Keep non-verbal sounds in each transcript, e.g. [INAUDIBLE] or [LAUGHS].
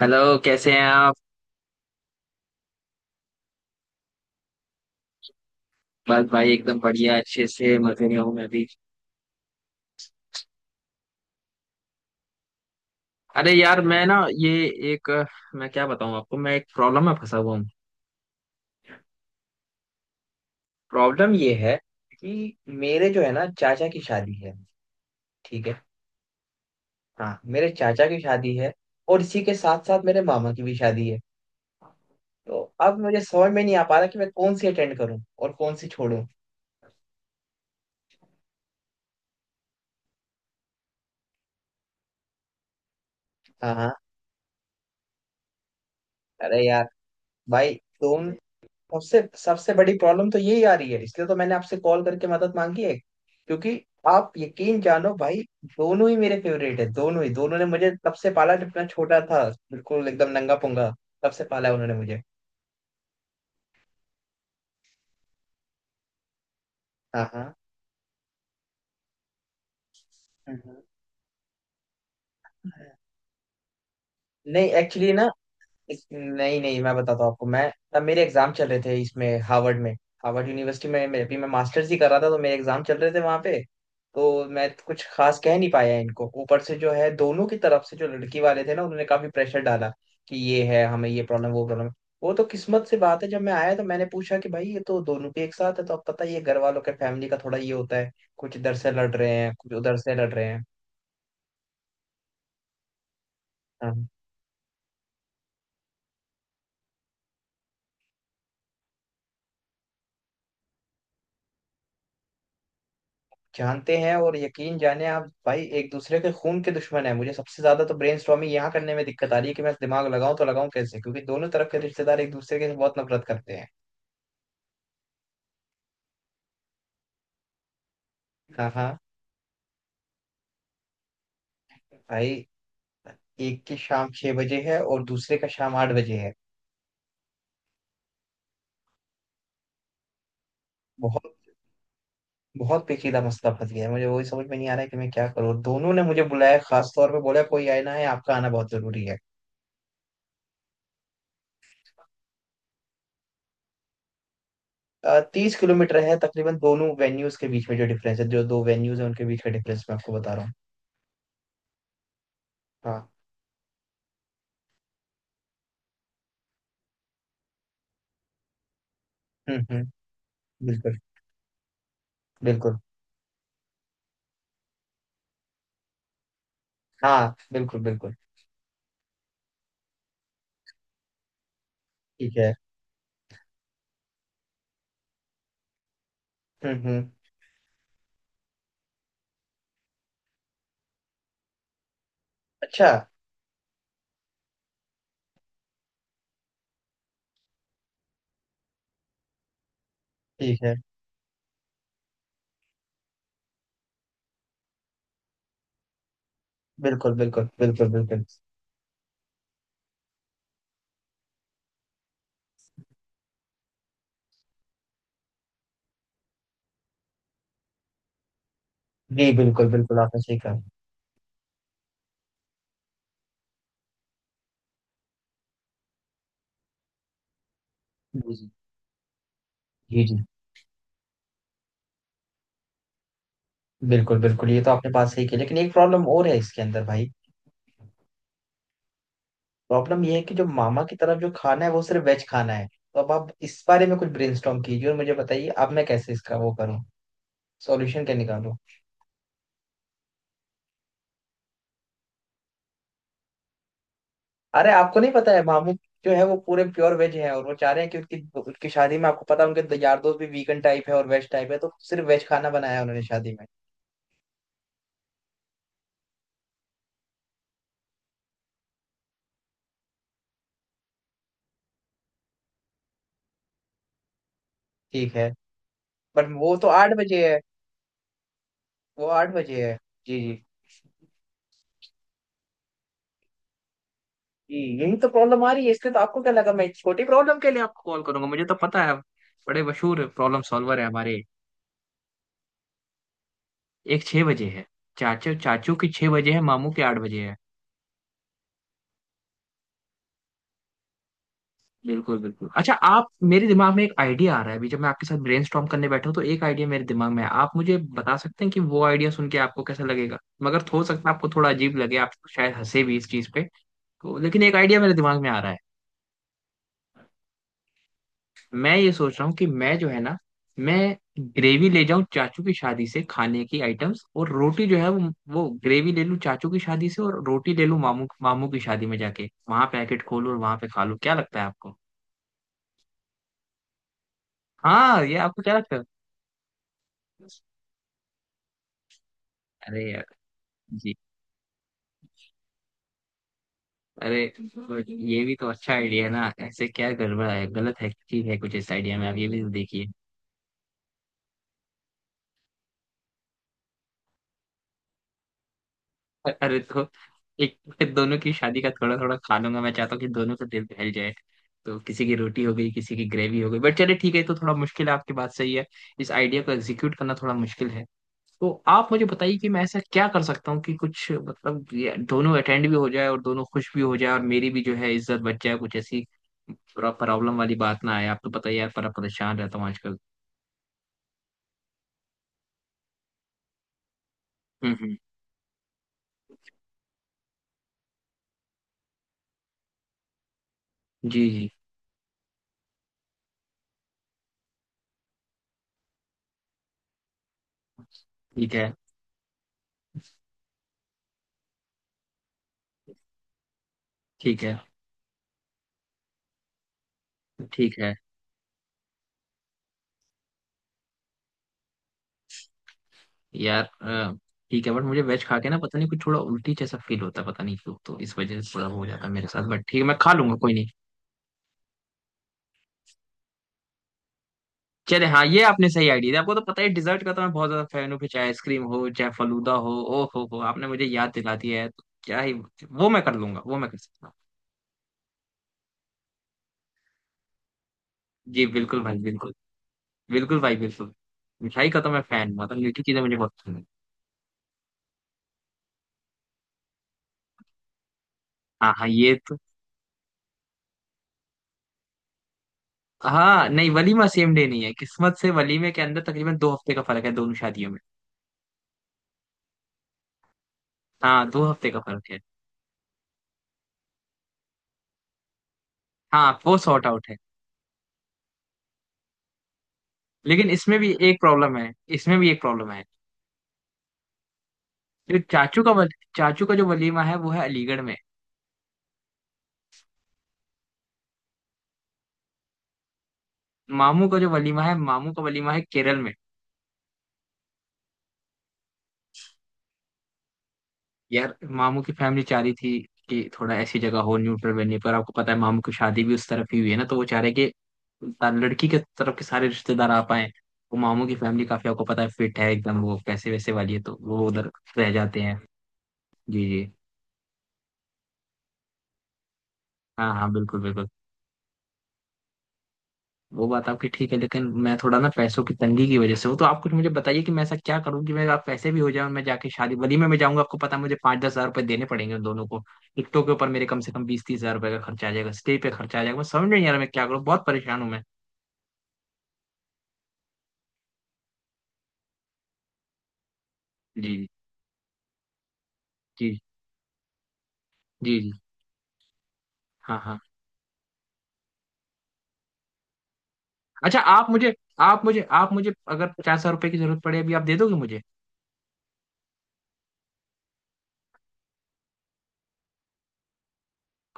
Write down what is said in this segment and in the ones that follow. Hello. कैसे हैं आप। बस भाई एकदम बढ़िया अच्छे से मजे में हूँ मैं भी। अरे यार, एक मैं क्या बताऊँ आपको, मैं एक प्रॉब्लम में फंसा हुआ हूँ। प्रॉब्लम ये है कि मेरे जो है ना चाचा की शादी है। ठीक है। हाँ, मेरे चाचा की शादी है और इसी के साथ साथ मेरे मामा की भी शादी है। तो अब मुझे समझ में नहीं आ पा रहा कि मैं कौन सी अटेंड करूँ और कौन सी छोड़ूं। हाँ हाँ। अरे यार, भाई, तुम सबसे सबसे बड़ी प्रॉब्लम तो यही आ रही है, इसलिए तो मैंने आपसे कॉल करके मदद मांगी है, क्योंकि आप यकीन जानो भाई, दोनों ही मेरे फेवरेट है। दोनों ने मुझे तब से पाला जब मैं छोटा था, बिल्कुल एकदम नंगा पुंगा, तब से पाला है उन्होंने मुझे। हाँ हाँ। हम्म, हम्म। नहीं, एक्चुअली ना नहीं नहीं, मैं बताता हूँ आपको। मैं तब मेरे एग्जाम चल रहे थे, इसमें हार्वर्ड यूनिवर्सिटी में, मैं अभी मैं मास्टर्स ही कर रहा था, तो मेरे एग्जाम चल रहे थे वहां पे। तो मैं तो कुछ खास कह नहीं पाया इनको। ऊपर से जो है दोनों की तरफ से जो लड़की वाले थे ना, उन्होंने काफी प्रेशर डाला कि ये है, हमें ये प्रॉब्लम, वो प्रॉब्लम। वो तो किस्मत से बात है, जब मैं आया तो मैंने पूछा कि भाई ये तो दोनों के एक साथ है। तो अब पता ही है घर वालों के फैमिली का थोड़ा ये होता है, कुछ इधर से लड़ रहे हैं, कुछ उधर से लड़ रहे हैं। हाँ, जानते हैं और यकीन जाने आप भाई, एक दूसरे के खून के दुश्मन है। मुझे सबसे ज्यादा तो ब्रेन स्टॉर्मिंग यहाँ करने में दिक्कत आ रही है कि मैं दिमाग लगाऊं तो लगाऊं कैसे, क्योंकि दोनों तरफ के रिश्तेदार एक दूसरे के बहुत नफरत करते हैं। हाँ हाँ। भाई, एक की शाम 6 बजे है और दूसरे का शाम 8 बजे है। बहुत, बहुत पेचीदा मसला फंस गया है। मुझे वही समझ में नहीं आ रहा है कि मैं क्या करूँ। दोनों ने मुझे बुलाया, खास तौर पे बोला कोई आए ना है, आपका आना बहुत जरूरी है। 30 किलोमीटर है तकरीबन, दोनों वेन्यूज के बीच में जो डिफरेंस है, जो दो वेन्यूज है, उनके बीच का डिफरेंस मैं आपको बता रहा हूँ। हाँ। हम्म। बिल्कुल बिल्कुल। हाँ, बिल्कुल बिल्कुल। ठीक है। हम्म। अच्छा, ठीक है। बिल्कुल बिल्कुल बिल्कुल बिल्कुल। जी बिल्कुल बिल्कुल, आपने सही कहा। जी जी। जी जी। बिल्कुल बिल्कुल, ये तो आपने बात सही की, लेकिन एक प्रॉब्लम और है इसके अंदर भाई। प्रॉब्लम ये है कि जो मामा की तरफ जो खाना है, वो सिर्फ वेज खाना है। तो अब आप इस बारे में कुछ ब्रेनस्टॉर्म कीजिए और मुझे बताइए, अब मैं कैसे इसका वो करूँ, सॉल्यूशन क्या निकालूं। अरे आपको नहीं पता है, मामू जो है वो पूरे प्योर वेज है, और वो चाह रहे हैं कि उनकी उनकी शादी में, आपको पता है, उनके यार दोस्त भी वीगन टाइप है और वेज टाइप है, तो सिर्फ वेज खाना बनाया है उन्होंने शादी में। ठीक है, बट वो तो 8 बजे है। वो 8 बजे है। जी जी। जी, यही तो प्रॉब्लम आ रही है। इसलिए तो, आपको क्या लगा मैं छोटी प्रॉब्लम के लिए आपको कॉल करूंगा? मुझे तो पता है, आप बड़े मशहूर प्रॉब्लम सॉल्वर है हमारे। एक छह बजे है, चाचू चाचू की 6 बजे है, मामू की 8 बजे है। बिल्कुल बिल्कुल। अच्छा आप, मेरे दिमाग में एक आइडिया आ रहा है अभी, जब मैं आपके साथ ब्रेनस्टॉर्म करने बैठा हूँ, तो एक आइडिया मेरे दिमाग में है। आप मुझे बता सकते हैं कि वो आइडिया सुन के आपको कैसा लगेगा। मगर हो सकता है आपको थोड़ा अजीब लगे, आप शायद हंसे भी इस चीज पे, तो लेकिन एक आइडिया मेरे दिमाग में आ रहा है। मैं ये सोच रहा हूँ कि मैं जो है ना, मैं ग्रेवी ले जाऊं चाचू की शादी से खाने की आइटम्स और रोटी जो है वो ग्रेवी ले लूं चाचू की शादी से और रोटी ले लूं, मामू मामू की शादी में जाके वहां पैकेट खोलूं और वहां पे खा लूं। क्या लगता है आपको? हाँ, ये आपको क्या लगता है? अरे, जी। अरे, बट ये भी तो अच्छा आइडिया है ना, ऐसे क्या गड़बड़ है, गलत है, ठीक है कुछ इस आइडिया में? आप ये भी तो देखिए। अरे तो, एक फिर दोनों की शादी का थोड़ा थोड़ा खा लूंगा, मैं चाहता हूँ कि दोनों का दिल बहल जाए। तो किसी की रोटी हो गई, किसी की ग्रेवी हो गई, बट चलिए ठीक है, ये तो थोड़ा मुश्किल है, आपकी बात सही है। इस आइडिया को एग्जीक्यूट करना थोड़ा मुश्किल है। तो आप मुझे बताइए कि मैं ऐसा क्या कर सकता हूँ कि कुछ मतलब ये दोनों अटेंड भी हो जाए और दोनों खुश भी हो जाए और मेरी भी जो है इज्जत बच जाए, कुछ ऐसी प्रॉब्लम वाली बात ना आए। आप तो पता ही है यार, बड़ा परेशान रहता हूँ आजकल। हम्म। जी जी। ठीक है। ठीक है। ठीक है यार, ठीक है। बट मुझे वेज खा के ना पता नहीं कुछ थोड़ा उल्टी जैसा फील होता है, पता नहीं क्यों, तो इस वजह से थोड़ा हो जाता है मेरे साथ। बट ठीक है, मैं खा लूंगा, कोई नहीं। चले हाँ, ये आपने सही आइडिया दिया। आपको तो पता है डिजर्ट का तो मैं बहुत ज्यादा फैन हूँ, फिर चाहे आइसक्रीम हो चाहे फलूदा हो। ओ हो, आपने मुझे याद दिला दिया है, तो क्या ही, वो मैं कर लूंगा, वो मैं कर सकता हूँ। जी बिल्कुल भाई बिल्कुल। बिल्कुल भाई बिल्कुल। मिठाई का तो मैं फैन, मतलब मीठी चीजें मुझे बहुत पसंद है। हाँ हाँ, ये तो। हाँ, नहीं वलीमा सेम डे नहीं है, किस्मत से वलीमे के अंदर तकरीबन 2 हफ्ते का फर्क है दोनों शादियों में। हाँ, 2 हफ्ते का फर्क है। हाँ, वो सॉर्ट आउट है। लेकिन इसमें भी एक प्रॉब्लम है। इसमें भी एक प्रॉब्लम है जो चाचू का चाचू का जो वलीमा है वो है अलीगढ़ में। मामू का जो वलीमा है, मामू का वलीमा है केरल में। यार, मामू की फैमिली चाह रही थी कि थोड़ा ऐसी जगह हो, न्यूट्रल वेन्यू पर। आपको पता है मामू की शादी भी उस तरफ ही हुई है ना, तो वो चाह रहे कि लड़की के तरफ के सारे रिश्तेदार आ पाए। वो मामू की फैमिली काफी, आपको पता है, फिट है एकदम, वो पैसे वैसे वाली है, तो वो उधर रह जाते हैं। जी जी। हाँ हाँ, बिल्कुल बिल्कुल। वो बात आपकी ठीक है, लेकिन मैं थोड़ा ना पैसों की तंगी की वजह से हूँ, तो आप कुछ मुझे बताइए कि मैं ऐसा क्या करूँ कि मेरे आप पैसे भी हो जाए और मैं जाके शादी वलीमे में मैं जाऊंगा। आपको पता है, मुझे 5-10 हजार रुपये देने पड़ेंगे उन दोनों को, टिकटों के ऊपर मेरे कम से कम 20-30 हजार रुपये का खर्चा आ जाएगा, स्टे पे खर्चा आ जाएगा। मैं समझ में नहीं आ रहा मैं क्या करूँ, बहुत परेशान हूँ मैं। जी जी। जी जी। हाँ हाँ। अच्छा, आप मुझे, अगर 50 हजार रुपये की जरूरत पड़े अभी, आप दे दोगे मुझे?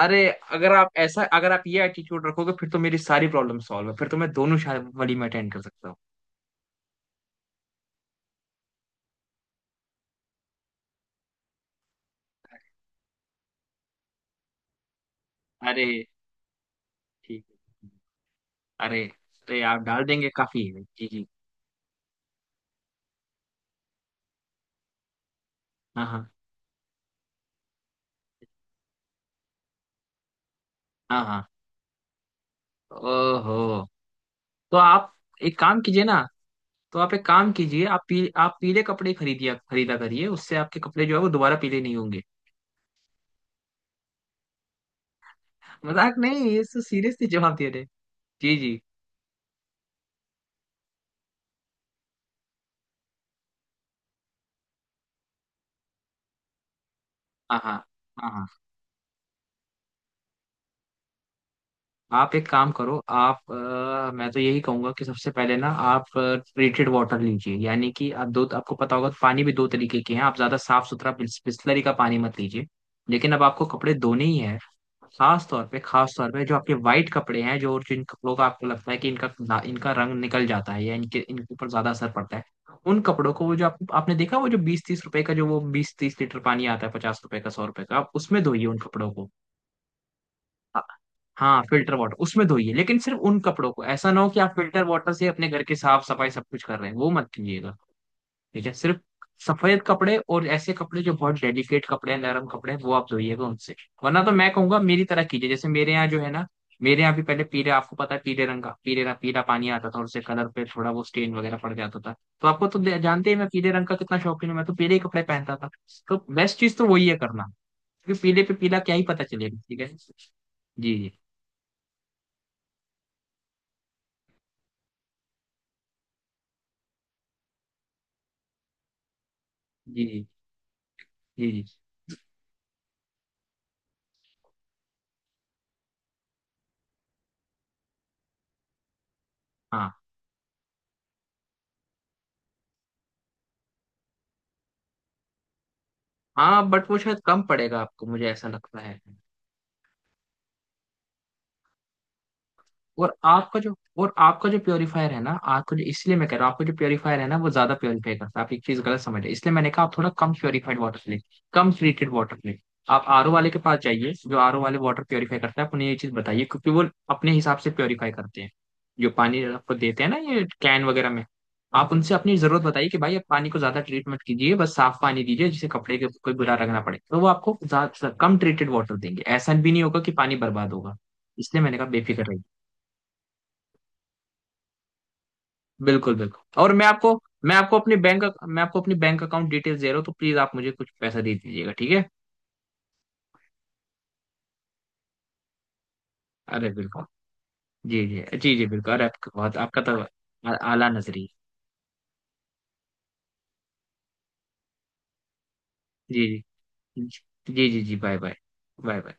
अरे, अगर आप ये एटीट्यूड रखोगे, फिर तो मेरी सारी प्रॉब्लम सॉल्व है, फिर तो मैं दोनों शादी वलीमे अटेंड कर सकता हूँ। अरे, ठीक है। अरे। अरे, आप डाल देंगे, काफी है। जी जी। हाँ हाँ। हाँ हाँ। ओहो, तो आप एक काम कीजिए ना तो आप एक काम कीजिए, आप आप पीले कपड़े खरीदिया खरीदा करिए, उससे आपके कपड़े जो है वो दोबारा पीले नहीं होंगे। [LAUGHS] मजाक नहीं, ये तो सीरियसली जवाब दे रहे। जी जी। हाँ हाँ। हाँ हाँ। आप एक काम करो, मैं तो यही कहूंगा कि सबसे पहले ना, आप ट्रीटेड वाटर लीजिए, यानी कि आप दो आपको पता होगा पानी भी दो तरीके के हैं, आप ज्यादा साफ सुथरा बिस्लरी का पानी मत लीजिए। लेकिन अब आपको कपड़े धोने ही है। खास तौर पे जो आपके वाइट कपड़े हैं, जो जिन कपड़ों का आपको लगता है कि इनका इनका रंग निकल जाता है, या इनके इनके ऊपर ज्यादा असर पड़ता है, उन कपड़ों को, वो जो आपने देखा, वो जो 20-30 रुपए का, जो वो 20-30 लीटर पानी आता है, 50 रुपए का, 100 रुपए का, आप उसमें धोइए उन कपड़ों को। हाँ, फिल्टर वाटर उसमें धोइए, लेकिन सिर्फ उन कपड़ों को, ऐसा ना हो कि आप फिल्टर वाटर से अपने घर की साफ सफाई सब कुछ कर रहे हैं, वो मत कीजिएगा। ठीक है, सिर्फ सफेद कपड़े और ऐसे कपड़े जो बहुत डेलिकेट कपड़े हैं, नरम कपड़े हैं, वो आप धोइएगा उनसे। वरना तो मैं कहूंगा मेरी तरह कीजिए, जैसे मेरे यहाँ जो है ना, मेरे यहाँ भी पहले पीले, आपको पता है पीले रंग का पीले पीला पानी आता था, और उससे कलर पे थोड़ा वो स्टेन वगैरह पड़ जाता था। तो आपको तो जानते ही, मैं पीले रंग का कितना शौकीन हूँ, मैं तो पीले ही कपड़े पहनता था। तो बेस्ट चीज तो वही है करना, क्योंकि पीले पे पीला क्या ही पता चलेगा। ठीक है। जी। जी जी। जी हाँ हाँ। बट वो शायद कम पड़ेगा आपको, मुझे ऐसा लगता है। और आपका जो और आपका जो प्योरीफायर है ना, आपको जो इसलिए मैं कह रहा हूँ, आपको जो प्योरीफायर है ना वो ज्यादा प्योरीफाई करता है, आप एक चीज गलत समझ रहे हैं, इसलिए मैंने कहा आप थोड़ा कम प्योरीफाइड वाटर लें, कम ट्रीटेड वाटर लें। आप RO वाले के पास जाइए, जो RO वाले वाटर प्योरीफाई करता है, आप उन्हें ये चीज बताइए, क्योंकि वो अपने हिसाब से प्योरीफाई करते हैं जो पानी आपको देते हैं ना, ये कैन वगैरह में। आप उनसे अपनी जरूरत बताइए कि भाई, आप पानी को ज्यादा ट्रीट मत कीजिए, बस साफ पानी दीजिए, जिसे कपड़े के कोई बुरा रखना पड़े, तो वो आपको कम ट्रीटेड वाटर देंगे, ऐसा भी नहीं होगा कि पानी बर्बाद होगा। इसलिए मैंने कहा बेफिक्र रहिए। बिल्कुल बिल्कुल, और मैं आपको अपनी बैंक अकाउंट डिटेल्स दे रहा हूँ, तो प्लीज आप मुझे कुछ पैसा दे दीजिएगा, ठीक है? अरे बिल्कुल। जी जी। जी जी बिल्कुल, अरे, आपका तो आला नजरी है। जी। जी जी। जी जी, बाय बाय। Bye bye.